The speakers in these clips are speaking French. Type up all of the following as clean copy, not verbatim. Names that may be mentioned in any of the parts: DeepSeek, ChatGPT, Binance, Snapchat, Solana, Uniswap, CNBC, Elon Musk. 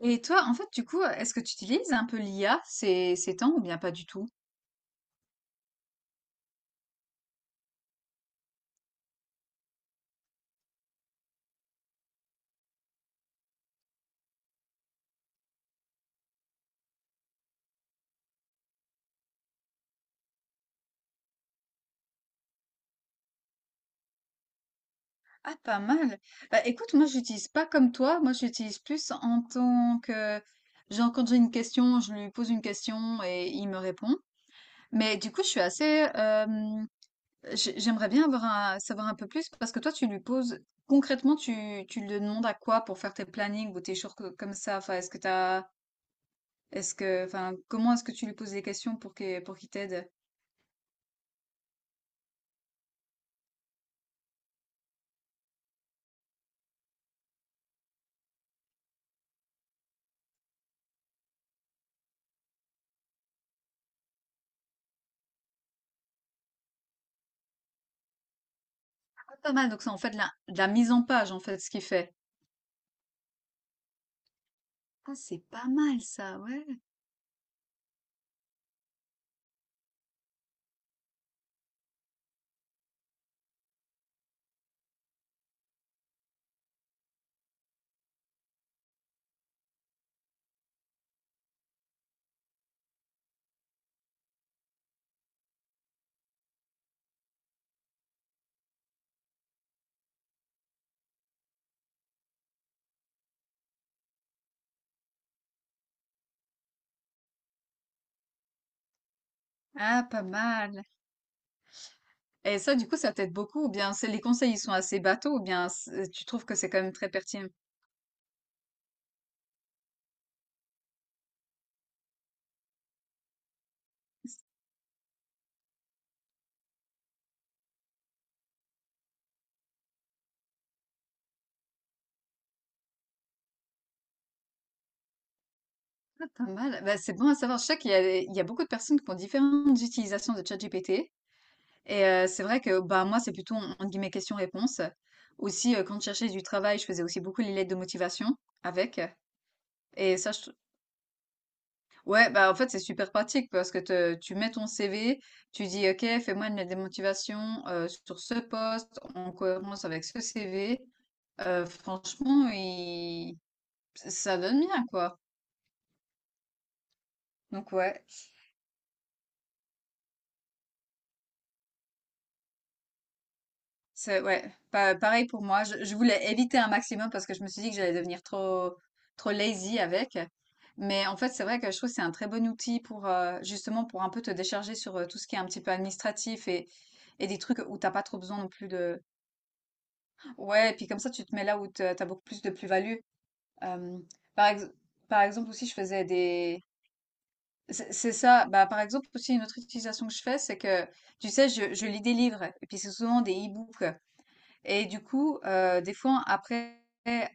Et toi, en fait, du coup, est-ce que tu utilises un peu l'IA ces temps ou bien pas du tout? Ah, pas mal. Bah, écoute, moi, j'utilise pas comme toi. Moi, j'utilise plus en tant que, genre, quand j'ai une question, je lui pose une question et il me répond. Mais du coup, je suis assez, j'aimerais bien avoir savoir un peu plus parce que toi, tu lui poses, concrètement, tu lui demandes à quoi pour faire tes plannings ou tes choses comme ça. Enfin, est-ce que, enfin, comment est-ce que tu lui poses des questions pour qu'il t'aide? Pas mal, donc c'est en fait de la mise en page, en fait, ce qu'il fait. Ah, c'est pas mal ça, ouais. Ah, pas mal. Et ça, du coup, ça t'aide beaucoup, ou bien c'est les conseils, ils sont assez bateaux, ou bien tu trouves que c'est quand même très pertinent. Ça, pas mal. Bah, c'est bon à savoir. Je sais qu'il y a beaucoup de personnes qui ont différentes utilisations de ChatGPT. Et c'est vrai que bah, moi, c'est plutôt, entre guillemets, question-réponse. Aussi, quand je cherchais du travail, je faisais aussi beaucoup les lettres de motivation avec. Et ça, ouais, bah en fait, c'est super pratique parce que tu mets ton CV, tu dis, OK, fais-moi une lettre de motivation sur ce poste en cohérence avec ce CV. Franchement, ça donne bien, quoi. Donc, ouais, c'est ouais, pareil pour moi. Je voulais éviter un maximum parce que je me suis dit que j'allais devenir trop, trop lazy avec. Mais en fait, c'est vrai que je trouve que c'est un très bon outil pour justement pour un peu te décharger sur tout ce qui est un petit peu administratif et des trucs où t'as pas trop besoin non plus de. Ouais, et puis comme ça, tu te mets là où tu as beaucoup plus de plus-value. Euh, par, ex- Par exemple, aussi, je faisais des. C'est ça. Bah, par exemple, aussi, une autre utilisation que je fais, c'est que, tu sais, je lis des livres, et puis c'est souvent des e-books. Et du coup, des fois, après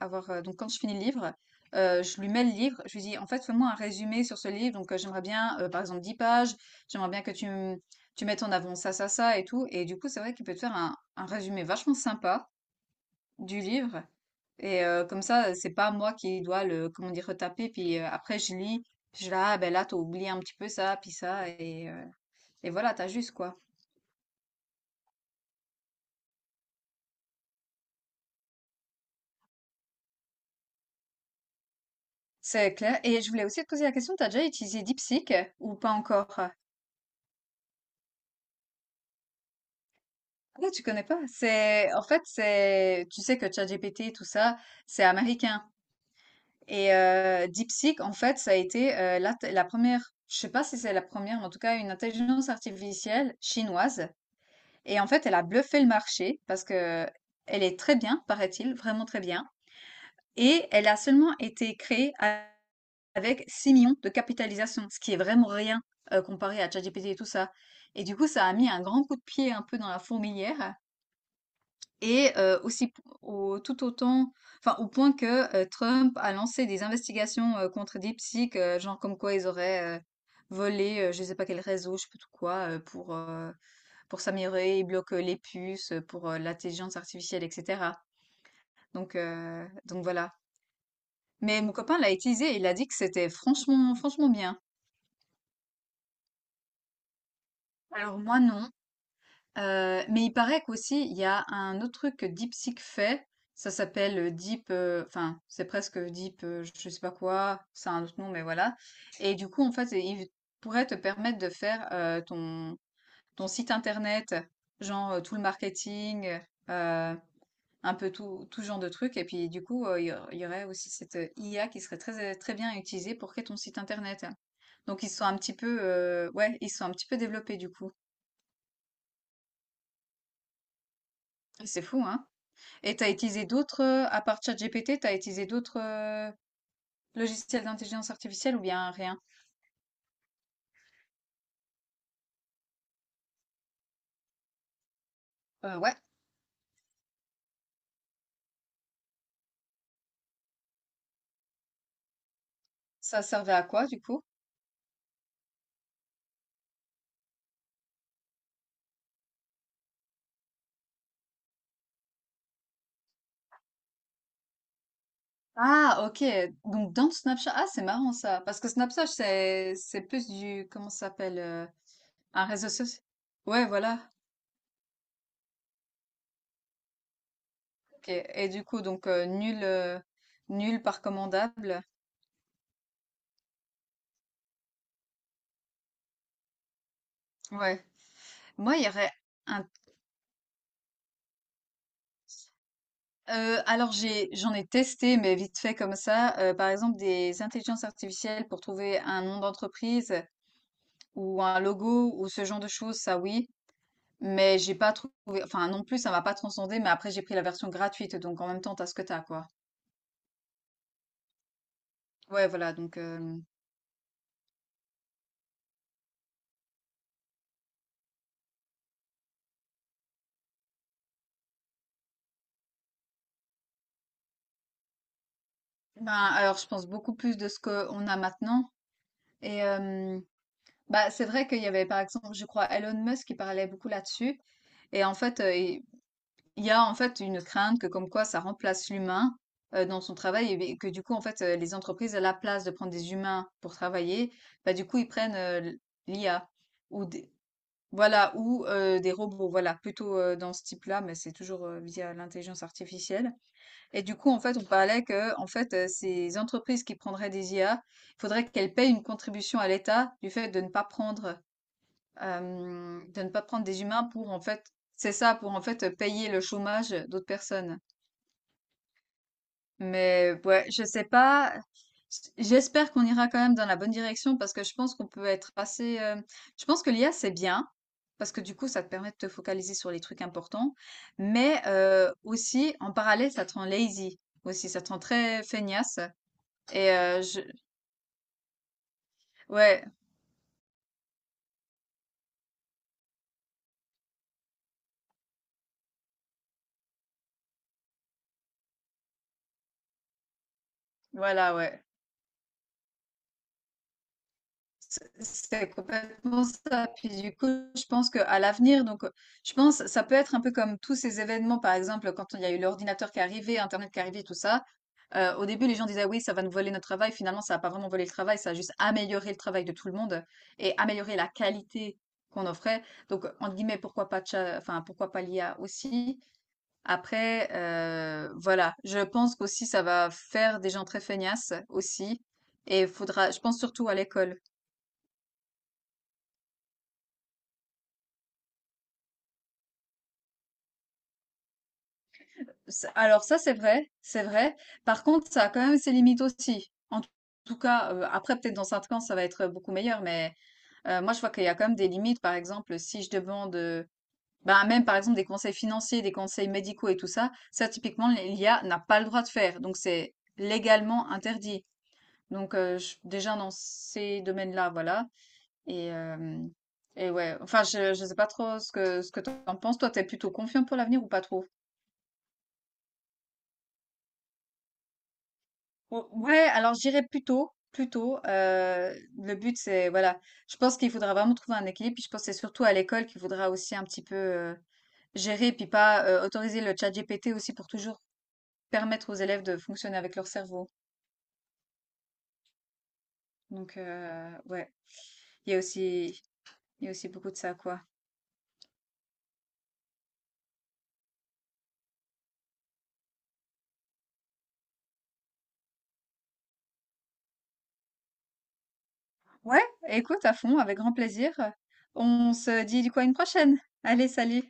avoir... euh, donc, quand je finis le livre, je lui mets le livre, je lui dis, en fait, fais-moi un résumé sur ce livre. Donc, j'aimerais bien, par exemple, 10 pages, j'aimerais bien que tu mettes en avant ça, ça, ça, et tout. Et du coup, c'est vrai qu'il peut te faire un résumé vachement sympa du livre. Et comme ça, c'est pas moi qui dois le, comment dire, retaper. Puis après, je lis, puis je suis là, ah ben là, t'as oublié un petit peu ça, puis ça, et voilà, t'as juste quoi. C'est clair. Et je voulais aussi te poser la question, t'as déjà utilisé DeepSeek ou pas encore? Ah, tu connais pas. C'est, en fait, c'est, tu sais que ChatGPT, tout ça, c'est américain. Et DeepSeek, en fait, ça a été la première, je sais pas si c'est la première, mais en tout cas, une intelligence artificielle chinoise. Et en fait, elle a bluffé le marché parce que elle est très bien, paraît-il, vraiment très bien. Et elle a seulement été créée avec 6 millions de capitalisation, ce qui est vraiment rien comparé à ChatGPT et tout ça. Et du coup, ça a mis un grand coup de pied un peu dans la fourmilière. Et aussi tout autant, enfin au point que Trump a lancé des investigations contre DeepSeek, genre comme quoi ils auraient volé, je ne sais pas quel réseau, je sais pas tout quoi, pour s'améliorer, ils bloquent les puces pour l'intelligence artificielle, etc. Donc voilà. Mais mon copain l'a utilisé, il a dit que c'était franchement, franchement bien. Alors moi non. Mais il paraît qu'aussi il y a un autre truc que DeepSeek fait. Ça s'appelle Deep, enfin c'est presque Deep, je sais pas quoi, c'est un autre nom, mais voilà. Et du coup en fait il pourrait te permettre de faire ton site internet, genre tout le marketing. euh, un peu tout, tout genre de trucs. Et puis du coup, il y aurait aussi cette IA qui serait très, très bien utilisée pour créer ton site internet. Donc ils sont un petit peu, ouais, ils sont un petit peu développés du coup. Et c'est fou, hein? Et t'as utilisé d'autres, à part ChatGPT, t'as utilisé d'autres logiciels d'intelligence artificielle ou bien rien? Ouais, ça servait à quoi du coup? Ah, ok. Donc dans Snapchat, ah, c'est marrant ça, parce que Snapchat c'est plus du, comment ça s'appelle, un réseau social. Ouais, voilà. Ok. Et du coup, donc nul par commandable. Ouais. Moi, il y aurait un. Alors j'en ai testé, mais vite fait comme ça. Par exemple, des intelligences artificielles pour trouver un nom d'entreprise ou un logo ou ce genre de choses, ça oui. Mais j'ai pas trouvé. Enfin, non plus, ça m'a pas transcendé. Mais après, j'ai pris la version gratuite, donc en même temps, t'as ce que t'as, quoi. Ouais, voilà. Donc, ben alors, je pense beaucoup plus de ce qu'on a maintenant. Et bah, c'est vrai qu'il y avait, par exemple, je crois, Elon Musk qui parlait beaucoup là-dessus. Et en fait, il y a en fait une crainte que comme quoi ça remplace l'humain dans son travail et que du coup, en fait, les entreprises, à la place de prendre des humains pour travailler, bah, du coup, ils prennent l'IA ou des, voilà, ou des robots, voilà, plutôt dans ce type-là, mais c'est toujours via l'intelligence artificielle. Et du coup, en fait, on parlait que, en fait, ces entreprises qui prendraient des IA, il faudrait qu'elles payent une contribution à l'État du fait de ne pas prendre de ne pas prendre des humains pour en fait, c'est ça, pour en fait payer le chômage d'autres personnes. Mais ouais, je sais pas. J'espère qu'on ira quand même dans la bonne direction parce que je pense qu'on peut être assez. Je pense que l'IA c'est bien parce que du coup ça te permet de te focaliser sur les trucs importants, mais aussi en parallèle ça te rend lazy aussi, ça te rend très feignasse. Et euh, je... ouais, voilà, ouais. C'est complètement ça. Puis du coup, je pense qu'à l'avenir, donc, je pense ça peut être un peu comme tous ces événements, par exemple, quand il y a eu l'ordinateur qui est arrivé, internet qui est arrivé, tout ça. Au début, les gens disaient: «Oui, ça va nous voler notre travail». Finalement, ça a pas vraiment volé le travail, ça a juste amélioré le travail de tout le monde et amélioré la qualité qu'on offrait. Donc, entre guillemets, «pourquoi pas tcha enfin, pourquoi pas l'IA aussi?» Après, voilà, je pense qu'aussi ça va faire des gens très feignasses aussi et faudra je pense surtout à l'école. Alors ça, c'est vrai, c'est vrai. Par contre, ça a quand même ses limites aussi. En tout cas, après, peut-être dans 5 ans, ça va être beaucoup meilleur, mais moi, je vois qu'il y a quand même des limites. Par exemple, si je demande, bah, même par exemple des conseils financiers, des conseils médicaux et tout ça, ça, typiquement, l'IA n'a pas le droit de faire. Donc, c'est légalement interdit. Donc, déjà dans ces domaines-là, voilà. Et, euh, et ouais, enfin, je sais pas trop ce que t'en penses. Toi, t'es plutôt confiant pour l'avenir ou pas trop? Ou ouais, alors je plutôt, plutôt tôt, le but c'est voilà, je pense qu'il faudra vraiment trouver un équilibre, puis je pense que c'est surtout à l'école qu'il faudra aussi un petit peu, gérer, puis pas, autoriser le ChatGPT aussi pour toujours permettre aux élèves de fonctionner avec leur cerveau. Donc ouais, il y a aussi il y a aussi beaucoup de ça, quoi. Ouais, écoute à fond, avec grand plaisir. On se dit du coup à une prochaine. Allez, salut.